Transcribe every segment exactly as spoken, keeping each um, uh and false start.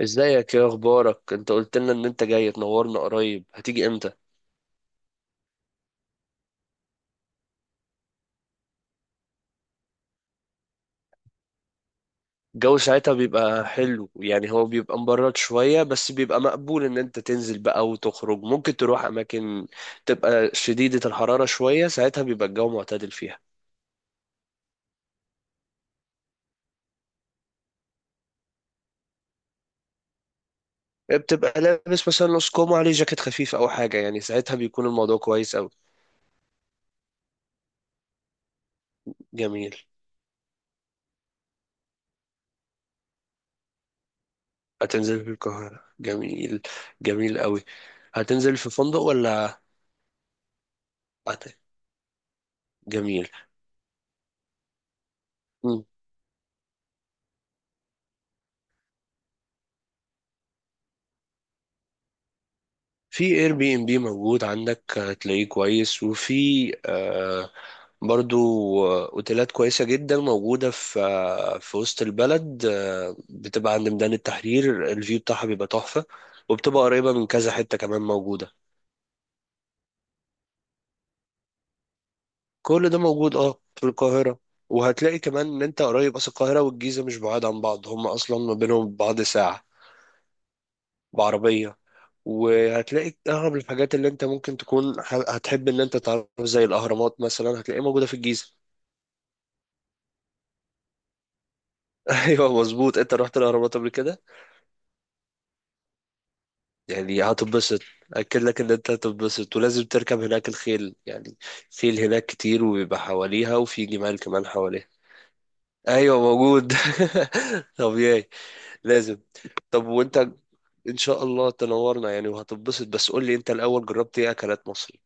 ازيك؟ ايه اخبارك؟ انت قلت لنا ان انت جاي تنورنا، قريب هتيجي امتى؟ الجو ساعتها بيبقى حلو، يعني هو بيبقى مبرد شوية بس بيبقى مقبول ان انت تنزل بقى وتخرج، ممكن تروح اماكن. تبقى شديدة الحرارة شوية، ساعتها بيبقى الجو معتدل فيها. إيه، بتبقى لابس مثلا نص كوم عليه جاكيت خفيف او حاجة، يعني ساعتها بيكون الموضوع كويس اوي. جميل. هتنزل في القاهرة، جميل. جميل اوي. هتنزل في فندق ولا هت- جميل. في اير بي ام بي موجود عندك هتلاقيه كويس، وفي آه، برضو آه، اوتيلات كويسة جدا موجودة في آه، في وسط البلد، آه، بتبقى عند ميدان التحرير، الفيو بتاعها بيبقى تحفة. وبتبقى قريبة من كذا حتة كمان موجودة. كل ده موجود، اه، في القاهرة. وهتلاقي كمان ان انت قريب، اصل القاهرة والجيزة مش بعاد عن بعض، هم اصلا ما بينهم بعض ساعة بعربية. وهتلاقي اغلب الحاجات اللي انت ممكن تكون ح- هتحب ان انت تعرف، زي الاهرامات مثلا، هتلاقيها موجودة في الجيزة. ايوه، مظبوط، انت رحت الاهرامات قبل كده؟ يعني هتنبسط. اكد لك ان انت هتنبسط، ولازم تركب هناك الخيل يعني. خيل هناك كتير وبيبقى حواليها، وفي جمال كمان حواليها. ايوه، موجود. طبيعي. لازم. طب وانت ان شاء الله تنورنا يعني وهتنبسط، بس قول لي انت الاول، جربت ايه اكلات مصري؟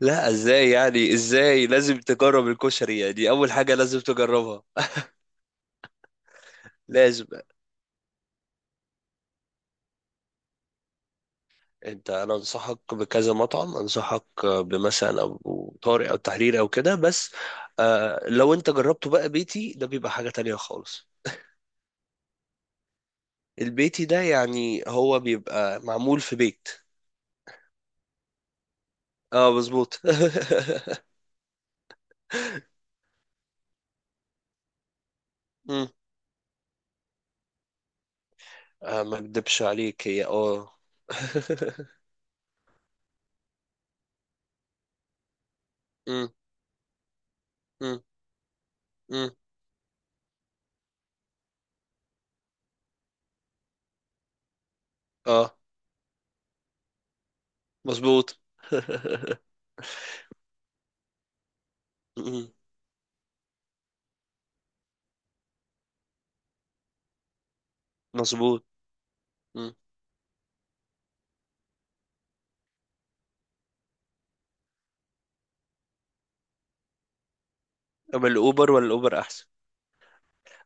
لا، ازاي يعني؟ ازاي؟ لازم تجرب الكشري، يعني اول حاجة لازم تجربها. لازم. انت انا انصحك بكذا مطعم، انصحك بمثلا ابو طارق او تحرير او كده بس. آه، لو انت جربته بقى بيتي، ده بيبقى حاجة تانية خالص. البيتي ده يعني هو بيبقى معمول في بيت. اه، مظبوط. مم. آه، ما اكدبش عليك، هي اه. مم. مم. مم. اه، مظبوط. مم. مظبوط. مم. اما الاوبر ولا الاوبر احسن؟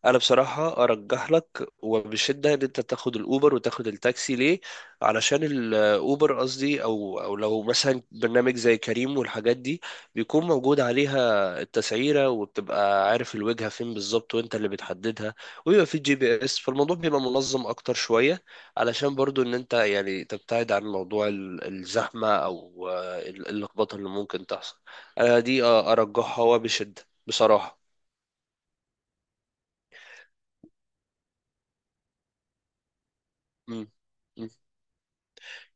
انا بصراحة ارجح لك وبشدة ان انت تاخد الاوبر، وتاخد التاكسي ليه؟ علشان الاوبر قصدي او او لو مثلا برنامج زي كريم والحاجات دي، بيكون موجود عليها التسعيرة، وبتبقى عارف الوجهة فين بالظبط، وانت اللي بتحددها. ويبقى في جي بي اس، فالموضوع بيبقى منظم اكتر شوية. علشان برضو ان انت يعني تبتعد عن موضوع ال- الزحمة، او آه، ال- اللخبطة اللي ممكن تحصل. انا دي آه، ارجحها وبشدة بصراحة. مم.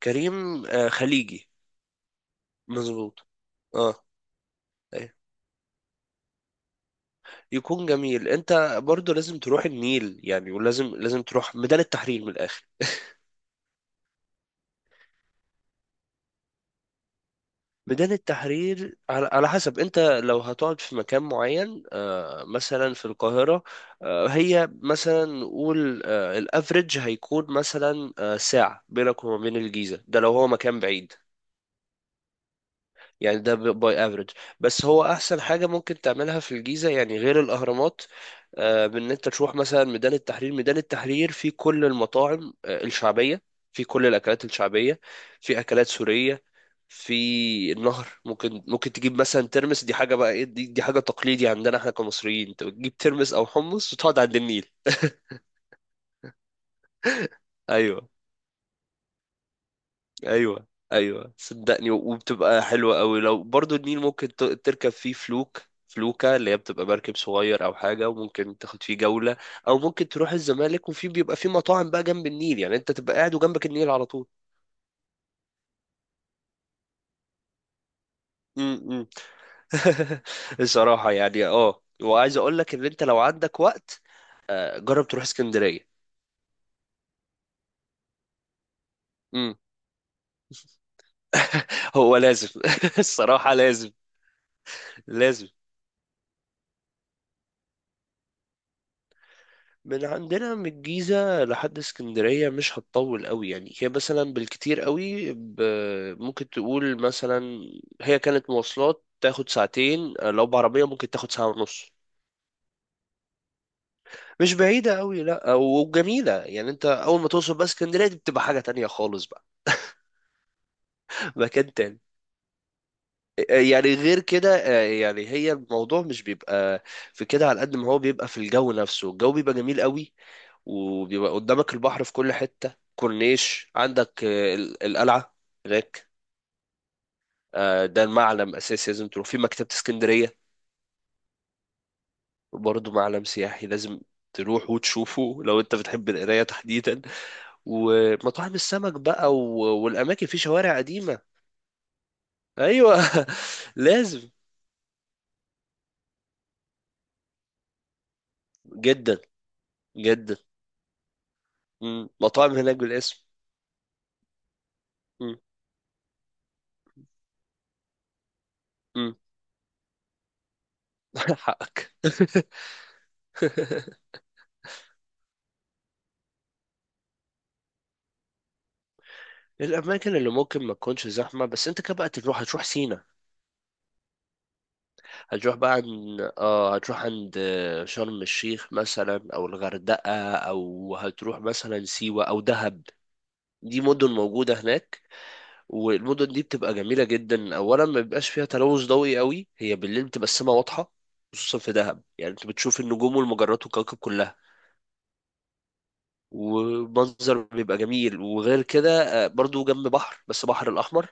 كريم آه، خليجي. مظبوط. اه. أيوة. يكون جميل. انت برضو لازم تروح النيل يعني، ولازم لازم تروح ميدان التحرير من الاخر. ميدان التحرير على, على حسب انت، لو هتقعد في مكان معين، آه مثلا في القاهرة، آه هي مثلا نقول آه الافريج هيكون مثلا آه ساعة بينك وما بين الجيزة، ده لو هو مكان بعيد. يعني ده باي افريج. بس هو احسن حاجه ممكن تعملها في الجيزه يعني غير الاهرامات، آه، بان انت تروح مثلا ميدان التحرير. ميدان التحرير فيه كل المطاعم آه، الشعبيه، فيه كل الاكلات الشعبيه، فيه اكلات سوريه. في النهر، ممكن ممكن تجيب مثلا ترمس. دي حاجه بقى ايه؟ دي, دي حاجه تقليدي عندنا احنا كمصريين، انت بتجيب ترمس او حمص وتقعد عند النيل. ايوه. ايوه، ايوه، صدقني. وبتبقى حلوه قوي. لو برضو النيل ممكن ت- تركب فيه فلوك، فلوكة اللي هي بتبقى مركب صغير او حاجه، وممكن تاخد فيه جوله. او ممكن تروح الزمالك، وفي بيبقى فيه مطاعم بقى جنب النيل، يعني انت تبقى قاعد وجنبك النيل على طول. امم. الصراحه يعني، اه، وعايز اقول لك ان انت لو عندك وقت، آه، جرب تروح اسكندريه. امم. هو لازم. الصراحه لازم. لازم. من عندنا من الجيزة لحد اسكندرية مش هتطول قوي، يعني هي مثلا بالكتير قوي ب... ممكن تقول مثلا، هي كانت مواصلات تاخد ساعتين، لو بعربية ممكن تاخد ساعة ونص. مش بعيدة قوي، لا وجميلة. يعني انت اول ما توصل بقى اسكندرية، دي بتبقى حاجة تانية خالص بقى. مكان تاني. يعني غير كده، آه، يعني هي الموضوع مش بيبقى في كده. على قد ما هو بيبقى في الجو نفسه، الجو بيبقى جميل قوي. وبيبقى قدامك البحر في كل حتة كورنيش. عندك آه، ال- القلعة هناك. آه، ده معلم أساسي، لازم تروح في مكتبة اسكندرية، برضه معلم سياحي، لازم تروح وتشوفه لو انت بتحب القراية تحديدا. ومطاعم السمك بقى و- والأماكن في شوارع قديمة. أيوة. لازم. جدا. جدا. مم. مطاعم هناك بالاسم. مم. مم. حقك. الأماكن اللي ممكن ما تكونش زحمة، بس انت كده بقى تروح، هتروح سينا. هتروح بقى عن... اه، هتروح عند آه، شرم الشيخ مثلا، او الغردقة، او هتروح مثلا سيوة او دهب. دي مدن موجودة هناك. والمدن دي بتبقى جميلة جدا. اولا، ما بيبقاش فيها تلوث ضوئي قوي، هي بالليل بتبقى السما واضحة، خصوصا في دهب، يعني انت بتشوف النجوم والمجرات والكواكب كلها. ومنظر بيبقى جميل. وغير كده آه، برضو جنب بحر، بس بحر الأحمر،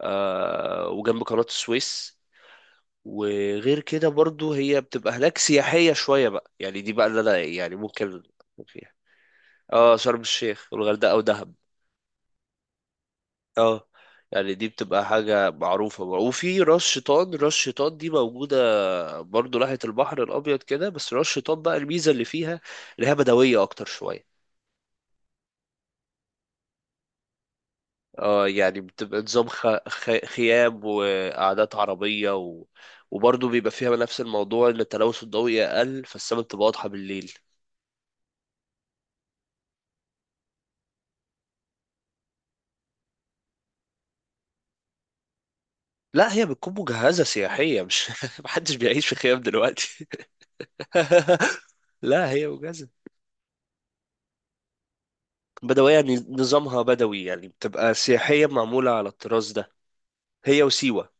آه، وجنب قناة السويس. وغير كده برضو هي بتبقى هناك سياحية شوية بقى، يعني دي بقى اللي انا يعني ممكن فيها. اه، شرم الشيخ والغردقة ودهب. اه، يعني دي بتبقى حاجة معروفة بقى. وفي راس شيطان. راس شيطان دي موجودة برضو ناحية البحر الأبيض كده، بس راس شيطان بقى الميزة اللي فيها، اللي هي بدوية أكتر شوية. اه، يعني بتبقى نظام خ... خ... خيام وقعدات عربية و... وبرضه بيبقى فيها نفس الموضوع، إن التلوث الضوئي أقل فالسما بتبقى واضحة بالليل. لا، هي بتكون مجهزة سياحية، مش محدش بيعيش في خيام دلوقتي. لا، هي مجهزة. بدوية، ن- نظامها بدوي يعني، بتبقى سياحية معمولة على الطراز ده. هي وسيوة.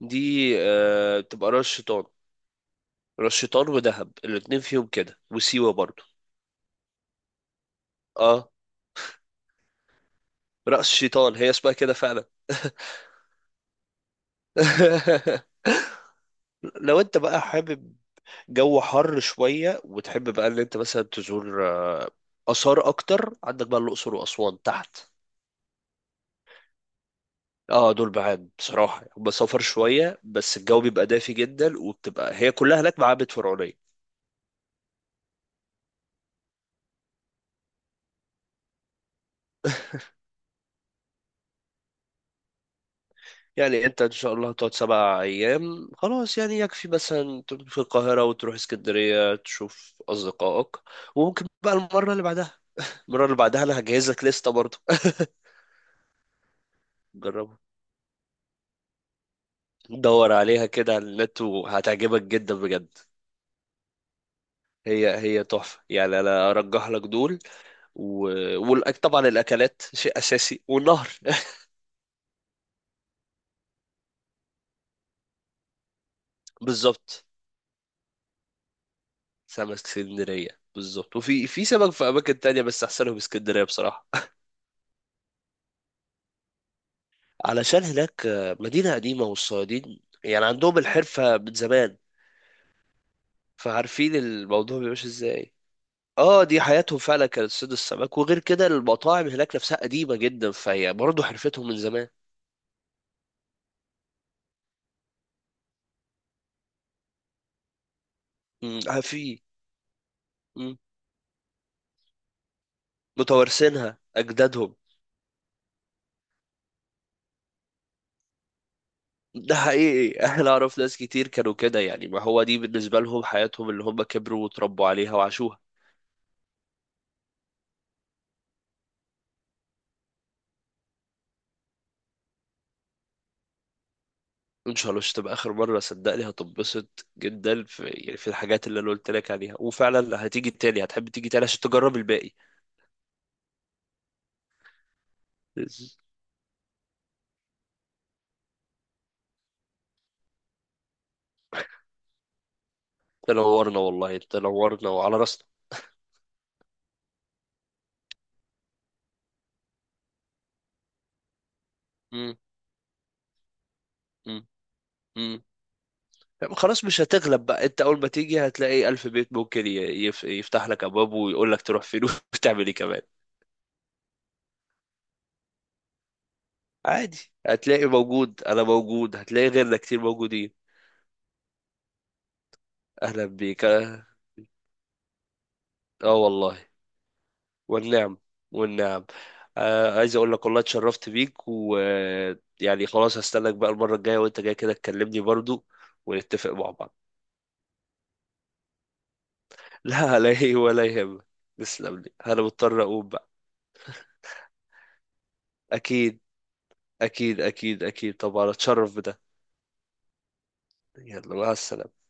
دي آه، بتبقى راس شيطان. راس شيطان ودهب الاتنين فيهم كده، وسيوة برضو. اه. رأس شيطان، هي اسمها كده فعلا. لو انت بقى حابب جو حر شوية، وتحب بقى ان انت مثلا تزور آه، آثار أكتر، عندك بقى الأقصر وأسوان تحت. اه، دول بعاد بصراحة، هم سفر شوية، بس الجو بيبقى دافي جدا، وبتبقى هي كلها هناك معابد فرعونية. يعني انت ان شاء الله هتقعد سبع ايام خلاص، يعني يكفي مثلا تروح في القاهرة وتروح اسكندرية تشوف اصدقائك. وممكن بقى المرة اللي بعدها، المرة اللي بعدها انا هجهز لك لستة برضه. جربها. دور عليها كده على النت وهتعجبك جدا بجد. هي هي تحفة، يعني انا ارجح لك دول. و... والأك... طبعا الاكلات شيء اساسي، والنهر. بالظبط. سمك اسكندرية. بالظبط. وفي في سمك في أماكن تانية، بس أحسنهم اسكندرية بصراحة. علشان هناك آه، مدينة قديمة، والصيادين يعني عندهم الحرفة من زمان، فعارفين الموضوع بيمشي ازاي. اه، دي حياتهم فعلا كانت صيد السمك، وغير كده المطاعم هناك نفسها قديمة جدا، فهي برضه حرفتهم من زمان. مم، آه، في. مم. متوارثينها أجدادهم. ده حقيقي. احنا، اعرف ناس كتير كانوا كده، يعني ما هو دي بالنسبة لهم حياتهم اللي هم كبروا وتربوا عليها وعاشوها. ان شاء الله مش تبقى اخر مره، صدقني هتنبسط جدا في يعني في الحاجات اللي انا قلت لك عليها، وفعلا هتيجي تاني، هتحب تيجي تاني عشان تجرب الباقي. تنورنا والله، تنورنا وعلى راسنا. مم. مم. مم. طب خلاص، مش هتغلب بقى. انت اول ما تيجي هتلاقي الف بيت ممكن ي- يف- يفتح لك ابواب، ويقول لك تروح فين وتعمل ايه كمان. عادي. هتلاقي موجود، انا موجود، هتلاقي غيرنا كتير موجودين. اهلا بيك، اه. آه، والله. والنعم. والنعم. آه، عايز اقول لك والله اتشرفت بيك، ويعني خلاص هستناك بقى المرة الجاية، وانت جاي كده تكلمني برضو، ونتفق مع بعض. لا، لا، يه- ولا يهمك. تسلم لي، انا مضطر اقوم بقى. اكيد. اكيد، اكيد، اكيد، طبعا اتشرف بده. يلا، مع السلامة.